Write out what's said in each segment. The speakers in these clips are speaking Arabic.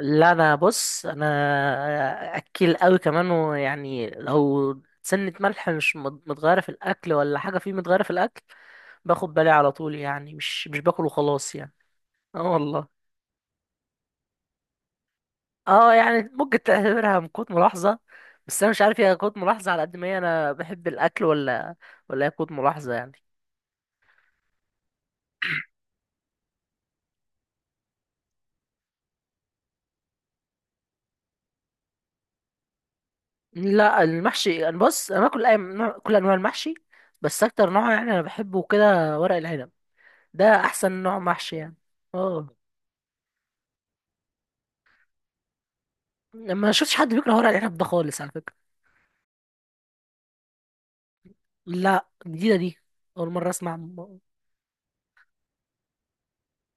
لا، انا بص اكل قوي كمان. ويعني لو سنة ملح مش متغيرة في الاكل ولا حاجة فيه متغيرة في الاكل، باخد بالي على طول يعني. مش باكل وخلاص يعني. اه والله، اه يعني ممكن تعتبرها من قوة ملاحظة، بس انا مش عارف هي قوة ملاحظة على قد ما هي انا بحب الاكل، ولا هي قوة ملاحظة يعني. لا، المحشي انا بص انا باكل كل انواع المحشي، بس اكتر نوع يعني انا بحبه كده ورق العنب. ده احسن نوع محشي يعني. اه. ما شفتش حد بيكره ورق العنب ده خالص على فكرة. لا، جديدة دي، أول مرة أسمع.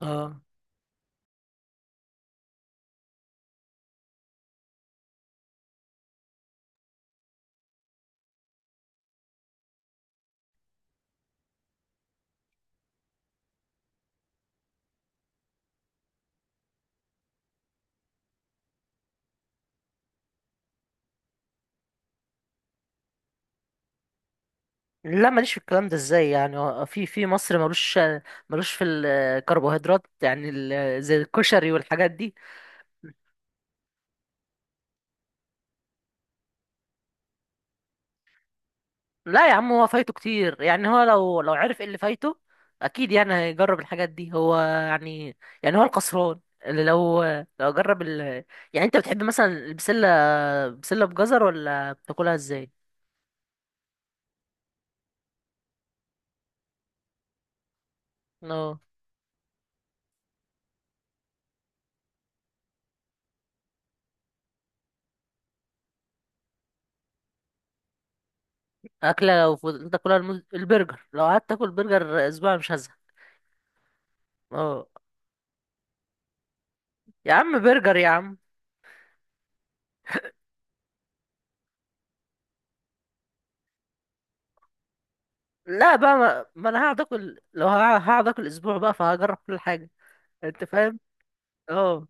اه. لا، ماليش في الكلام ده. ازاي يعني؟ هو في مصر ملوش، ملوش في الكربوهيدرات يعني زي الكشري والحاجات دي. لا يا عم، هو فايته كتير يعني. هو لو عرف ايه اللي فايته اكيد يعني هيجرب الحاجات دي هو يعني. يعني هو الخسران اللي لو، لو جرب يعني انت بتحب مثلا البسلة، بسلة بجزر؟ ولا بتاكلها ازاي؟ آه. اكله لو فضلت تاكلها، البرجر. لو قعدت اكل برجر اسبوع مش هزهق. اه. يا عم برجر يا عم. لا بقى، ما انا هقعد اكل، لو هقعد اكل اسبوع بقى فهجرب كل حاجه. انت فاهم؟ اه.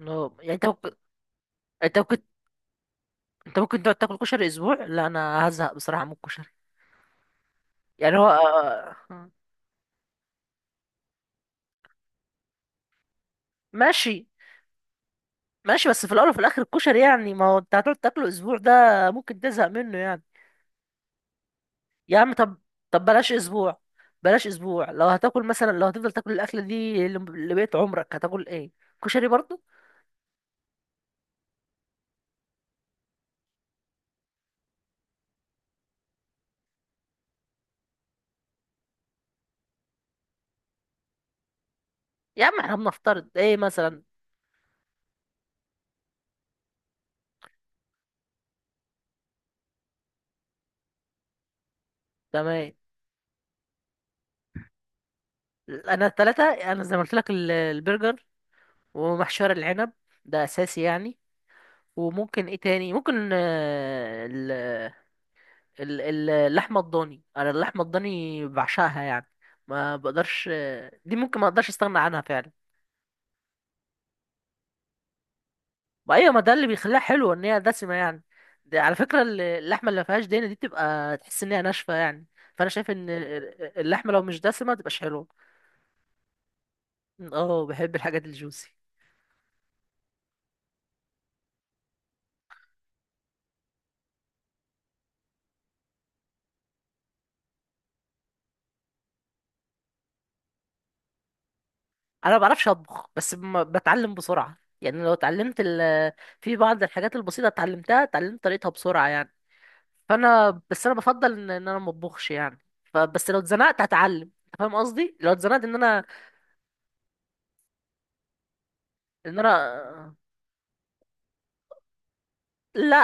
اه يعني انت ممكن. انت ممكن انت ممكن تقعد تاكل كشري اسبوع؟ لا، انا هزهق بصراحه من الكشري يعني. هو ماشي، ماشي. بس في الاول وفي الاخر الكشري يعني، ما هو انت هتقعد تاكله اسبوع ده ممكن تزهق منه يعني. يا عم طب، طب بلاش اسبوع، بلاش اسبوع. لو هتاكل مثلا، لو هتفضل تاكل الاكله دي لبقية عمرك هتاكل ايه؟ كشري برضو؟ يا عم احنا بنفترض ايه مثلا. تمام. انا التلاتة انا زي ما قلت لك البرجر، ومحشي ورق العنب، ده اساسي يعني. وممكن ايه تاني؟ ممكن اللحمه الضاني. انا اللحمه الضاني بعشقها يعني، ما بقدرش، دي ممكن ما اقدرش استغنى عنها فعلا. ما ايوه، ما ده اللي بيخليها حلوه ان هي دسمه يعني. ده على فكره اللحمه اللي ما فيهاش دهنه دي بتبقى تحس انها ناشفه يعني. فانا شايف ان اللحمه لو مش دسمه ما تبقاش حلوه. اه، بحب الحاجات الجوسي. انا ما بعرفش اطبخ، بس بتعلم بسرعه يعني. لو اتعلمت في بعض الحاجات البسيطه اتعلمتها، اتعلمت طريقتها بسرعه يعني. فانا بس انا بفضل إن انا ما اطبخش يعني. فبس لو اتزنقت هتعلم. انت فاهم قصدي؟ لو اتزنقت. ان انا لا،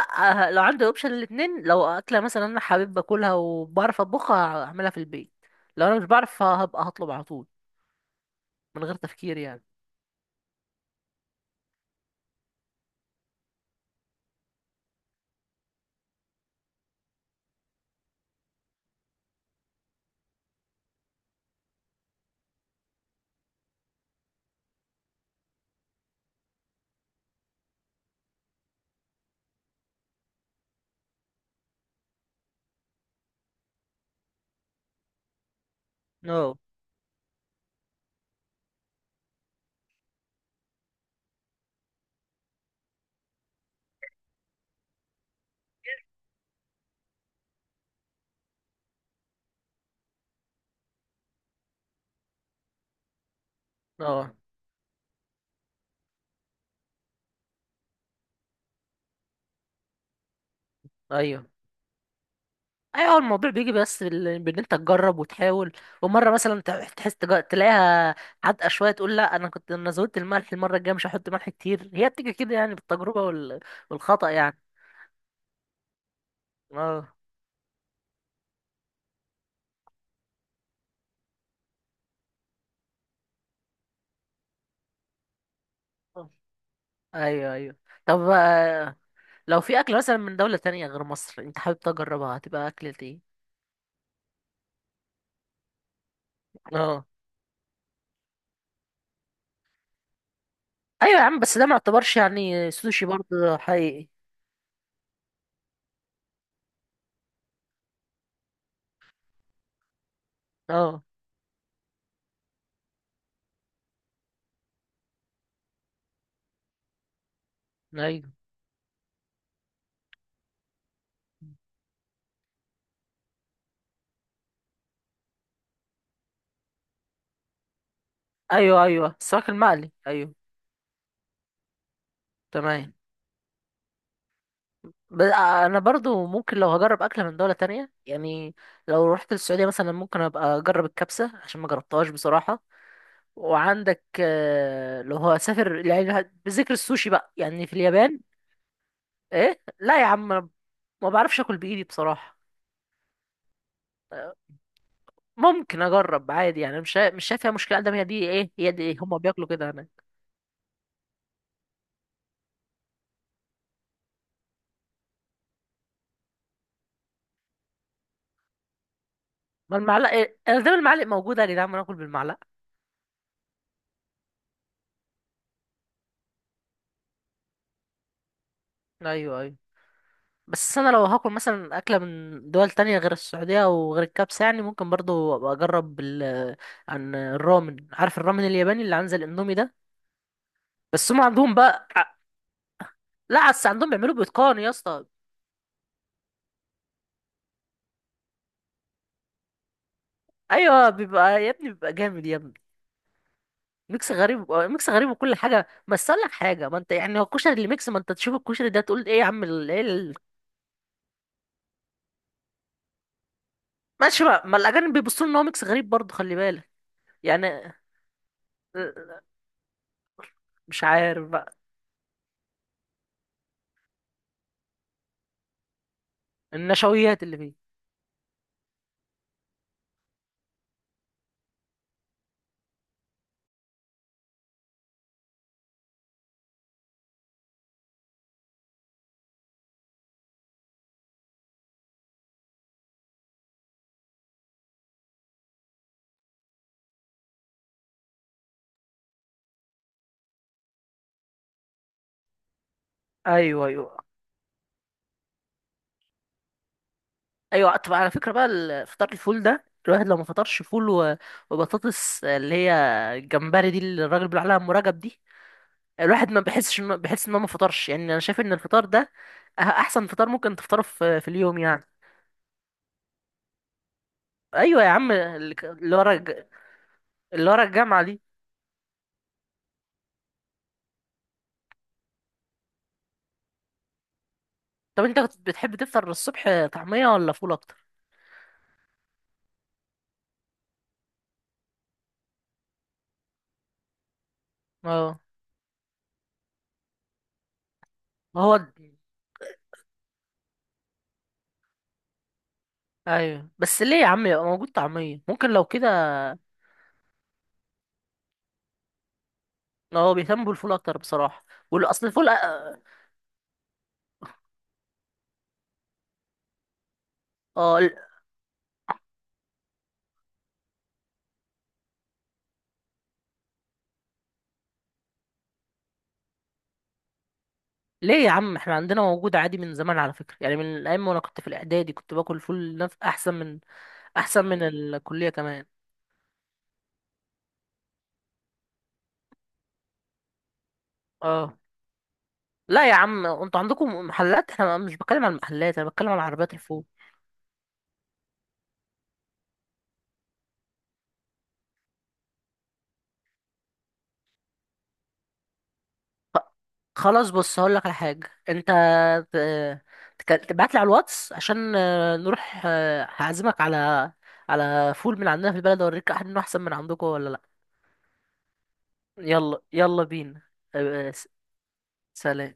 آه، لو عندي اوبشن الاثنين، لو اكله مثلا انا حابب باكلها وبعرف اطبخها هعملها في البيت، لو انا مش بعرف هبقى هطلب على طول من غير تفكير يعني. اه. اه. ايوال ايوه، الموضوع بيجي بس بان انت تجرب وتحاول. ومره مثلا تحس تلاقيها حادقه شويه تقول لا انا كنت انا زودت الملح، المره الجايه مش هحط ملح كتير. هي بتيجي كده يعني بالتجربه والخطأ يعني. اه، ايوه، ايوه. طب آه، لو في اكل مثلا من دولة تانية غير مصر انت حابب تجربها، هتبقى اكلة ايه؟ اه. ايوه يا عم، بس ده ما يعتبرش يعني سوشي برضه حقيقي. اه. ايوه ايوه. ايوه، السمك المقلي، ايوه. تمام. انا برضو ممكن لو هجرب اكله من دوله تانية يعني، لو رحت السعوديه مثلا ممكن ابقى اجرب الكبسه عشان ما جربتهاش بصراحه. وعندك آه، لو هسافر يعني بذكر السوشي بقى يعني في اليابان. ايه لا يا عم، أنا ما بعرفش اكل بايدي بصراحه. ممكن اجرب عادي يعني، مش مش شايف فيها مشكله. ده هي دي ايه، هي دي إيه؟ هما بياكلوا كده هناك. ما المعلقه إيه؟ انا دايما المعالق موجوده، يا جدعان ما ناكل بالمعلقه. ايوه، ايوه. بس انا لو هاكل مثلا اكله من دول تانية غير السعوديه وغير الكبسه يعني ممكن برضو أبقى اجرب عن الرامن. عارف الرامن الياباني اللي عن زي الاندومي ده؟ بس هم عندهم بقى لا، بس عندهم بيعملوه باتقان يا اسطى. ايوه، بيبقى يا ابني، بيبقى جامد يا ابني. ميكس غريب آه، ميكس غريب وكل حاجه. بس اقول لك حاجه، ما انت يعني هو الكشري اللي ميكس، ما انت تشوف الكشري ده تقول ايه يا عم ايه ماشي بقى. ما الاجانب بيبصوا ان هو ميكس غريب برضه، خلي بالك. يعني آه، مش عارف بقى. النشويات اللي فيه. ايوه، ايوه، ايوه. طب على فكره بقى فطار الفول ده، الواحد لو ما فطرش فول، و- وبطاطس اللي هي الجمبري دي، اللي الراجل بيقول عليها ام رجب دي، الواحد ما بيحسش بيحس ان هو ما فطرش يعني. انا شايف ان الفطار ده احسن فطار ممكن تفطره في اليوم يعني. ايوه يا عم، اللي ورا، اللي ورا الجامعة دي. طب انت كنت بتحب تفطر الصبح طعمية ولا فول اكتر؟ اه، ما هو ايوه بس. ليه يا عم يبقى موجود طعمية؟ ممكن لو كده. هو بيهتم بالفول اكتر بصراحة. والاصل الفول، اه. اه، ليه يا عم؟ احنا عندنا موجود عادي من زمان على فكرة. يعني من ايام وانا كنت في الاعدادي كنت باكل فول احسن من، احسن من الكلية كمان. اه. لا يا عم، انتوا عندكم محلات، احنا مش بتكلم عن المحلات، انا بتكلم عن عربيات الفول. خ- خلاص، بص هقول لك على حاجة. انت تبعت لي على الواتس عشان آه، نروح آه، هعزمك على، على فول من عندنا في البلد اوريك احد انه احسن من عندكم ولا لا. يلا، يلا بينا. آه، آه، سلام.